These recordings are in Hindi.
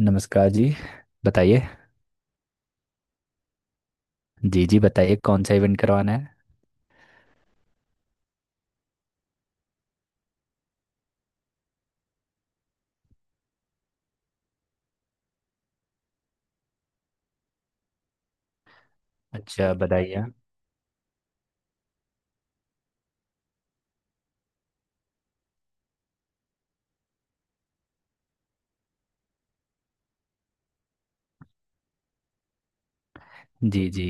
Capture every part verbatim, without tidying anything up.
नमस्कार जी। बताइए। जी जी, बताइए कौन सा इवेंट करवाना है। अच्छा, बताइए आप। जी जी।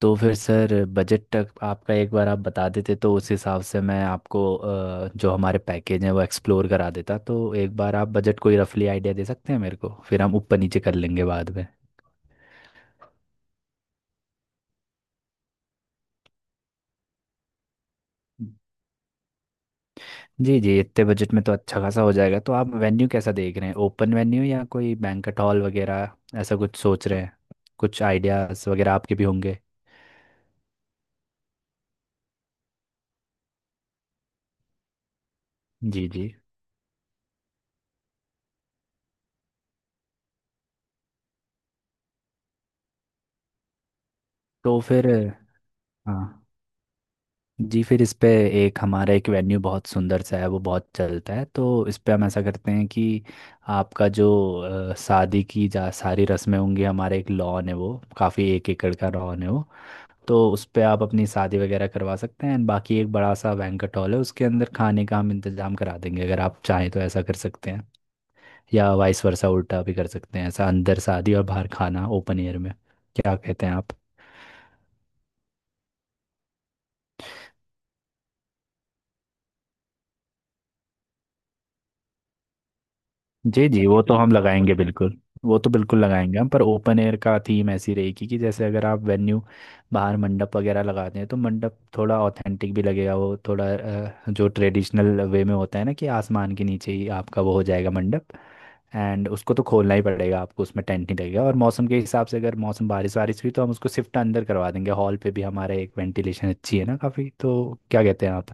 तो फिर सर बजट तक आपका एक बार आप बता देते तो उस हिसाब से मैं आपको अ, जो हमारे पैकेज हैं वो एक्सप्लोर करा देता। तो एक बार आप बजट कोई रफली आइडिया दे सकते हैं मेरे को, फिर हम ऊपर नीचे कर लेंगे बाद में। जी जी, इतने बजट में तो अच्छा खासा हो जाएगा। तो आप वेन्यू कैसा देख रहे हैं, ओपन वेन्यू या कोई बैंक्वेट हॉल वगैरह ऐसा कुछ सोच रहे हैं? कुछ आइडियाज़ वगैरह आपके भी होंगे। जी जी। तो फिर हाँ, जी, फिर इस पे एक हमारा एक वेन्यू बहुत सुंदर सा है, वो बहुत चलता है। तो इस पे हम ऐसा करते हैं कि आपका जो अ, शादी की जा सारी रस्में होंगी, हमारा एक लॉन है वो, काफ़ी एक एकड़ का लॉन है वो। तो उस पे आप अपनी शादी वगैरह करवा सकते हैं, एंड बाकी एक बड़ा सा बैंक्वेट हॉल है, उसके अंदर खाने का हम इंतज़ाम करा देंगे अगर आप चाहें तो। ऐसा कर सकते हैं या वाइस वर्सा उल्टा भी कर सकते हैं, ऐसा अंदर शादी और बाहर खाना ओपन एयर में। क्या कहते हैं आप? जी जी, वो तो हम लगाएंगे बिल्कुल। वो तो बिल्कुल लगाएंगे हम, पर ओपन एयर का थीम ऐसी रहेगी कि जैसे अगर आप वेन्यू बाहर मंडप वगैरह लगा दें तो मंडप थोड़ा ऑथेंटिक भी लगेगा, वो थोड़ा अ, जो ट्रेडिशनल वे में होता है ना, कि आसमान के नीचे ही आपका वो हो जाएगा मंडप। एंड उसको तो खोलना ही पड़ेगा आपको, उसमें टेंट नहीं लगेगा, और मौसम के हिसाब से अगर मौसम बारिश वारिश हुई तो हम उसको शिफ्ट अंदर करवा देंगे, हॉल पे भी हमारा एक वेंटिलेशन अच्छी है ना काफ़ी। तो क्या कहते हैं आप?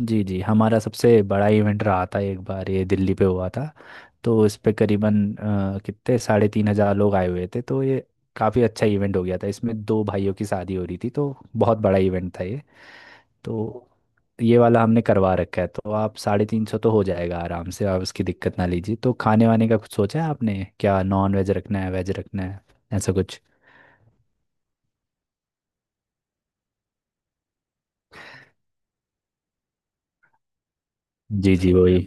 जी जी, हमारा सबसे बड़ा इवेंट रहा था एक बार, ये दिल्ली पे हुआ था। तो इस पे करीबन अ, कितने साढ़े तीन हजार लोग आए हुए थे, तो ये काफ़ी अच्छा इवेंट हो गया था। इसमें दो भाइयों की शादी हो रही थी, तो बहुत बड़ा इवेंट था ये। तो ये वाला हमने करवा रखा है, तो आप साढ़े तीन सौ तो हो जाएगा आराम से, आप उसकी दिक्कत ना लीजिए। तो खाने वाने का कुछ सोचा है आपने, क्या नॉन वेज रखना है, वेज रखना है, ऐसा कुछ? जी जी, वही।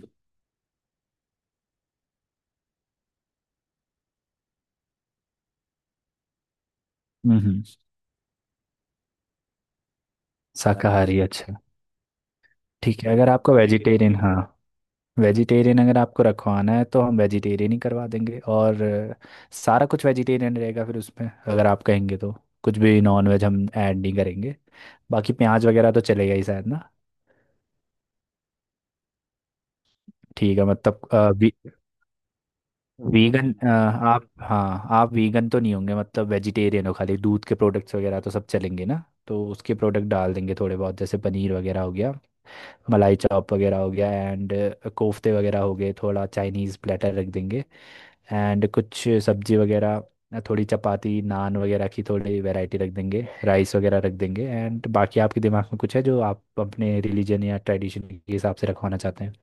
हम्म, हम्म। शाकाहारी, अच्छा। ठीक है, अगर आपका वेजिटेरियन, हाँ, वेजिटेरियन अगर आपको रखवाना है तो हम वेजिटेरियन ही करवा देंगे। और अ, सारा कुछ वेजिटेरियन रहेगा, फिर उसमें अगर आप कहेंगे तो कुछ भी नॉन वेज हम ऐड नहीं करेंगे। बाकी प्याज वगैरह तो चलेगा ही शायद ना। ठीक है, मतलब अ, वी, वीगन, अ, आप, हाँ, आप वीगन तो नहीं होंगे, मतलब वेजिटेरियन हो, खाली दूध के प्रोडक्ट्स वगैरह तो सब चलेंगे ना। तो उसके प्रोडक्ट डाल देंगे थोड़े बहुत, जैसे पनीर वगैरह हो गया, मलाई चाप वगैरह हो गया, एंड कोफ्ते वगैरह हो गए, थोड़ा चाइनीज़ प्लेटर रख देंगे, एंड कुछ सब्जी वगैरह, थोड़ी चपाती नान वगैरह की थोड़ी वैरायटी रख देंगे, राइस वगैरह रख देंगे। एंड बाकी आपके दिमाग में कुछ है जो आप अपने रिलीजन या ट्रेडिशन के हिसाब से रखवाना चाहते हैं?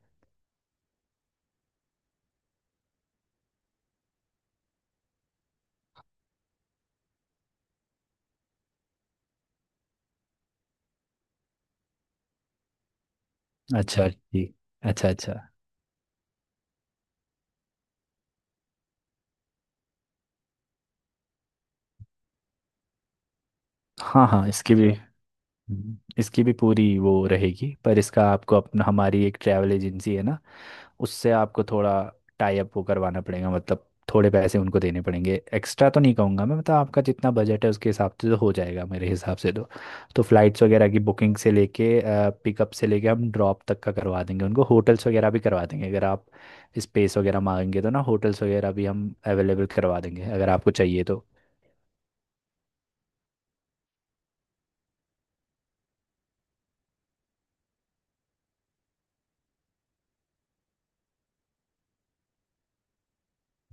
अच्छा जी। अच्छा अच्छा। हाँ हाँ, इसकी भी, हम्म, इसकी भी पूरी वो रहेगी। पर इसका आपको अपना, हमारी एक ट्रैवल एजेंसी है ना, उससे आपको थोड़ा टाई अप वो करवाना पड़ेगा, मतलब थोड़े पैसे उनको देने पड़ेंगे, एक्स्ट्रा तो नहीं कहूँगा मैं, मतलब आपका जितना बजट है उसके हिसाब से तो हो जाएगा मेरे हिसाब से तो। तो फ्लाइट्स वगैरह की बुकिंग से लेके, पिकअप से लेके हम ड्रॉप तक का करवा देंगे उनको, होटल्स वगैरह भी करवा देंगे अगर आप स्पेस वगैरह मांगेंगे तो ना, होटल्स वगैरह भी हम अवेलेबल करवा देंगे अगर आपको चाहिए तो।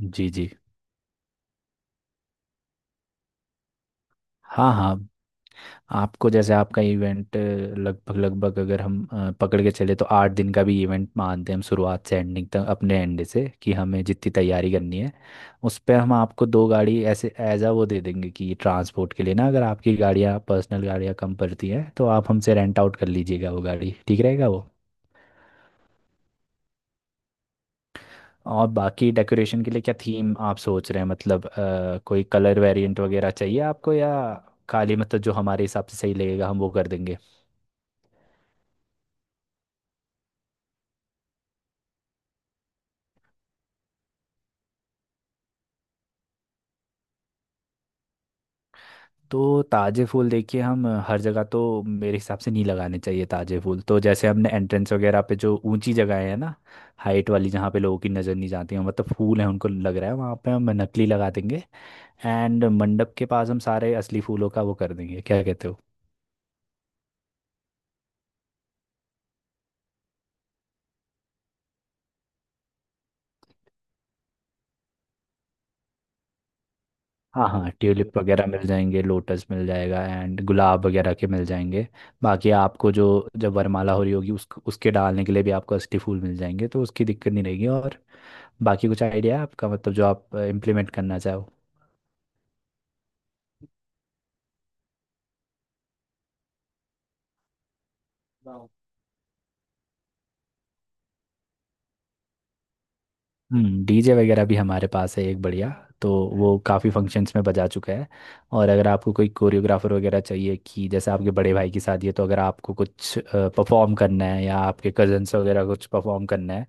जी जी। हाँ हाँ, आपको जैसे आपका इवेंट लगभग लगभग अगर हम अ, पकड़ के चले तो आठ दिन का भी इवेंट मानते हैं हम, शुरुआत से एंडिंग तक अपने एंड से, कि हमें जितनी तैयारी करनी है उस पर हम आपको दो गाड़ी ऐसे एज आ वो दे देंगे, कि ट्रांसपोर्ट के लिए ना, अगर आपकी गाड़ियाँ पर्सनल गाड़ियाँ कम पड़ती हैं तो आप हमसे रेंट आउट कर लीजिएगा वो गाड़ी, ठीक रहेगा वो। और बाकी डेकोरेशन के लिए क्या थीम आप सोच रहे हैं, मतलब अ, कोई कलर वेरिएंट वगैरह चाहिए आपको, या खाली मतलब जो हमारे हिसाब से सही लगेगा हम वो कर देंगे? तो ताज़े फूल देखिए, हम हर जगह तो मेरे हिसाब से नहीं लगाने चाहिए ताज़े फूल। तो जैसे हमने एंट्रेंस वगैरह पे जो ऊंची जगह है ना, हाइट वाली, जहाँ पे लोगों की नज़र नहीं जाती है, मतलब फूल है उनको लग रहा है, वहाँ पे हम नकली लगा देंगे, एंड मंडप के पास हम सारे असली फूलों का वो कर देंगे। क्या कहते हो? हाँ हाँ, ट्यूलिप वगैरह मिल जाएंगे, लोटस मिल जाएगा, एंड गुलाब वगैरह के मिल जाएंगे। बाकी आपको जो, जब वरमाला हो रही होगी उस उसके डालने के लिए भी आपको असली फूल मिल जाएंगे, तो उसकी दिक्कत नहीं रहेगी। और बाकी कुछ आइडिया है आपका, मतलब जो आप इम्प्लीमेंट करना चाहो? वाओ। हम्म, डीजे वगैरह भी हमारे पास है एक बढ़िया, तो वो काफ़ी फंक्शंस में बजा चुका है। और अगर आपको कोई कोरियोग्राफर वगैरह चाहिए, कि जैसे आपके बड़े भाई की शादी है, तो अगर आपको कुछ परफॉर्म करना है या आपके कजन्स वगैरह कुछ परफॉर्म करना है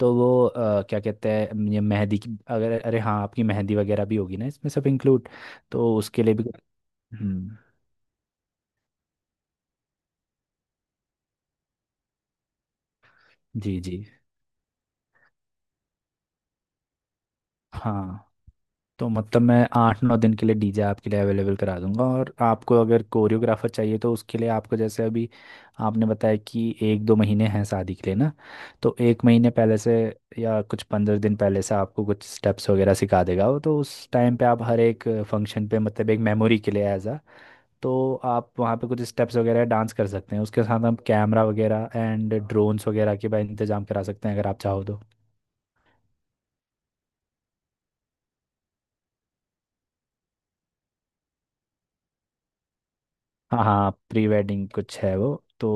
तो वो अ, क्या कहते हैं, ये मेहंदी की अगर, अरे हाँ, आपकी मेहंदी वगैरह भी होगी ना, इसमें सब इंक्लूड, तो उसके लिए भी। हम्म। जी जी। हाँ, तो मतलब मैं आठ नौ दिन के लिए डीजे आपके लिए अवेलेबल करा दूंगा, और आपको अगर कोरियोग्राफर चाहिए तो उसके लिए आपको, जैसे अभी आपने बताया कि एक दो महीने हैं शादी के लिए ना, तो एक महीने पहले से या कुछ पंद्रह दिन पहले से आपको कुछ स्टेप्स वगैरह सिखा देगा वो। तो उस टाइम पे आप हर एक फंक्शन पे, मतलब एक मेमोरी के लिए एज अ, तो आप वहाँ पे कुछ स्टेप्स वगैरह डांस कर सकते हैं, उसके साथ हम कैमरा वगैरह एंड ड्रोन्स वगैरह के भी इंतजाम करा सकते हैं अगर आप चाहो तो। हाँ हाँ, प्री वेडिंग कुछ है वो, तो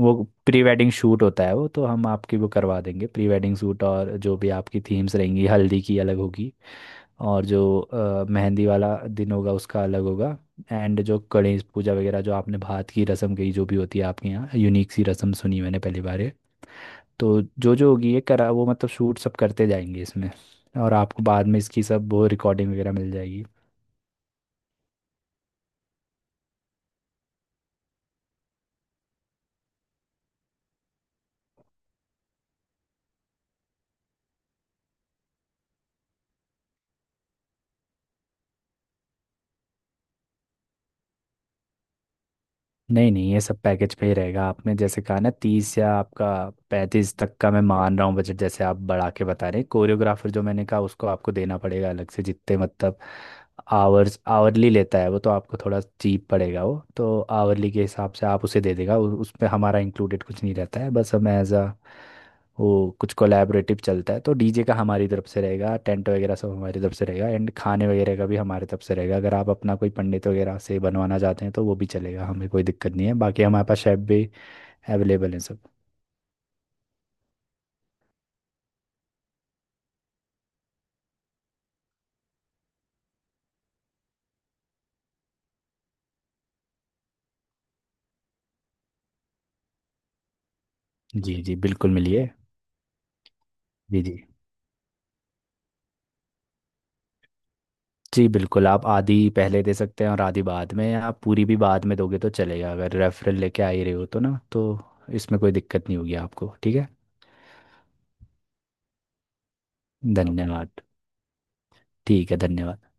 वो प्री वेडिंग शूट होता है, वो तो हम आपकी वो करवा देंगे, प्री वेडिंग शूट। और जो भी आपकी थीम्स रहेंगी, हल्दी की अलग होगी, और जो अ, मेहंदी वाला दिन होगा उसका अलग होगा, एंड जो गणेश पूजा वगैरह, जो आपने भात की रस्म कही, जो भी होती है आपके यहाँ, यूनिक सी रस्म सुनी मैंने पहली बार ये। तो जो जो होगी ये करा वो, मतलब शूट सब करते जाएंगे इसमें, और आपको बाद में इसकी सब वो रिकॉर्डिंग वगैरह मिल जाएगी। नहीं नहीं, ये सब पैकेज पे ही रहेगा। आपने जैसे कहा ना, तीस या आपका पैंतीस तक का मैं मान रहा हूँ बजट, जैसे आप बढ़ा के बता रहे हैं। कोरियोग्राफर जो मैंने कहा उसको आपको देना पड़ेगा अलग से, जितने मतलब आवर्स आवरली लेता है वो, तो आपको थोड़ा चीप पड़ेगा वो, तो आवरली के हिसाब से आप उसे दे देगा, उ- उसमें हमारा इंक्लूडेड कुछ नहीं रहता है, बस हम एज अ वो कुछ कोलैबोरेटिव चलता है। तो डीजे का हमारी तरफ से रहेगा, टेंट वगैरह सब हमारी तरफ से रहेगा, एंड खाने वगैरह का भी हमारी तरफ से रहेगा। अगर आप अपना कोई पंडित वगैरह से बनवाना चाहते हैं तो वो भी चलेगा, हमें कोई दिक्कत नहीं है, बाकी हमारे पास शेफ भी अवेलेबल हैं सब। जी जी, बिल्कुल मिलिए। जी जी। जी, बिल्कुल, आप आधी पहले दे सकते हैं और आधी बाद में, या आप पूरी भी बाद में दोगे तो चलेगा, अगर रेफरल लेके आ ही रहे हो तो ना, तो इसमें कोई दिक्कत नहीं होगी आपको, ठीक है। धन्यवाद। ठीक है, धन्यवाद।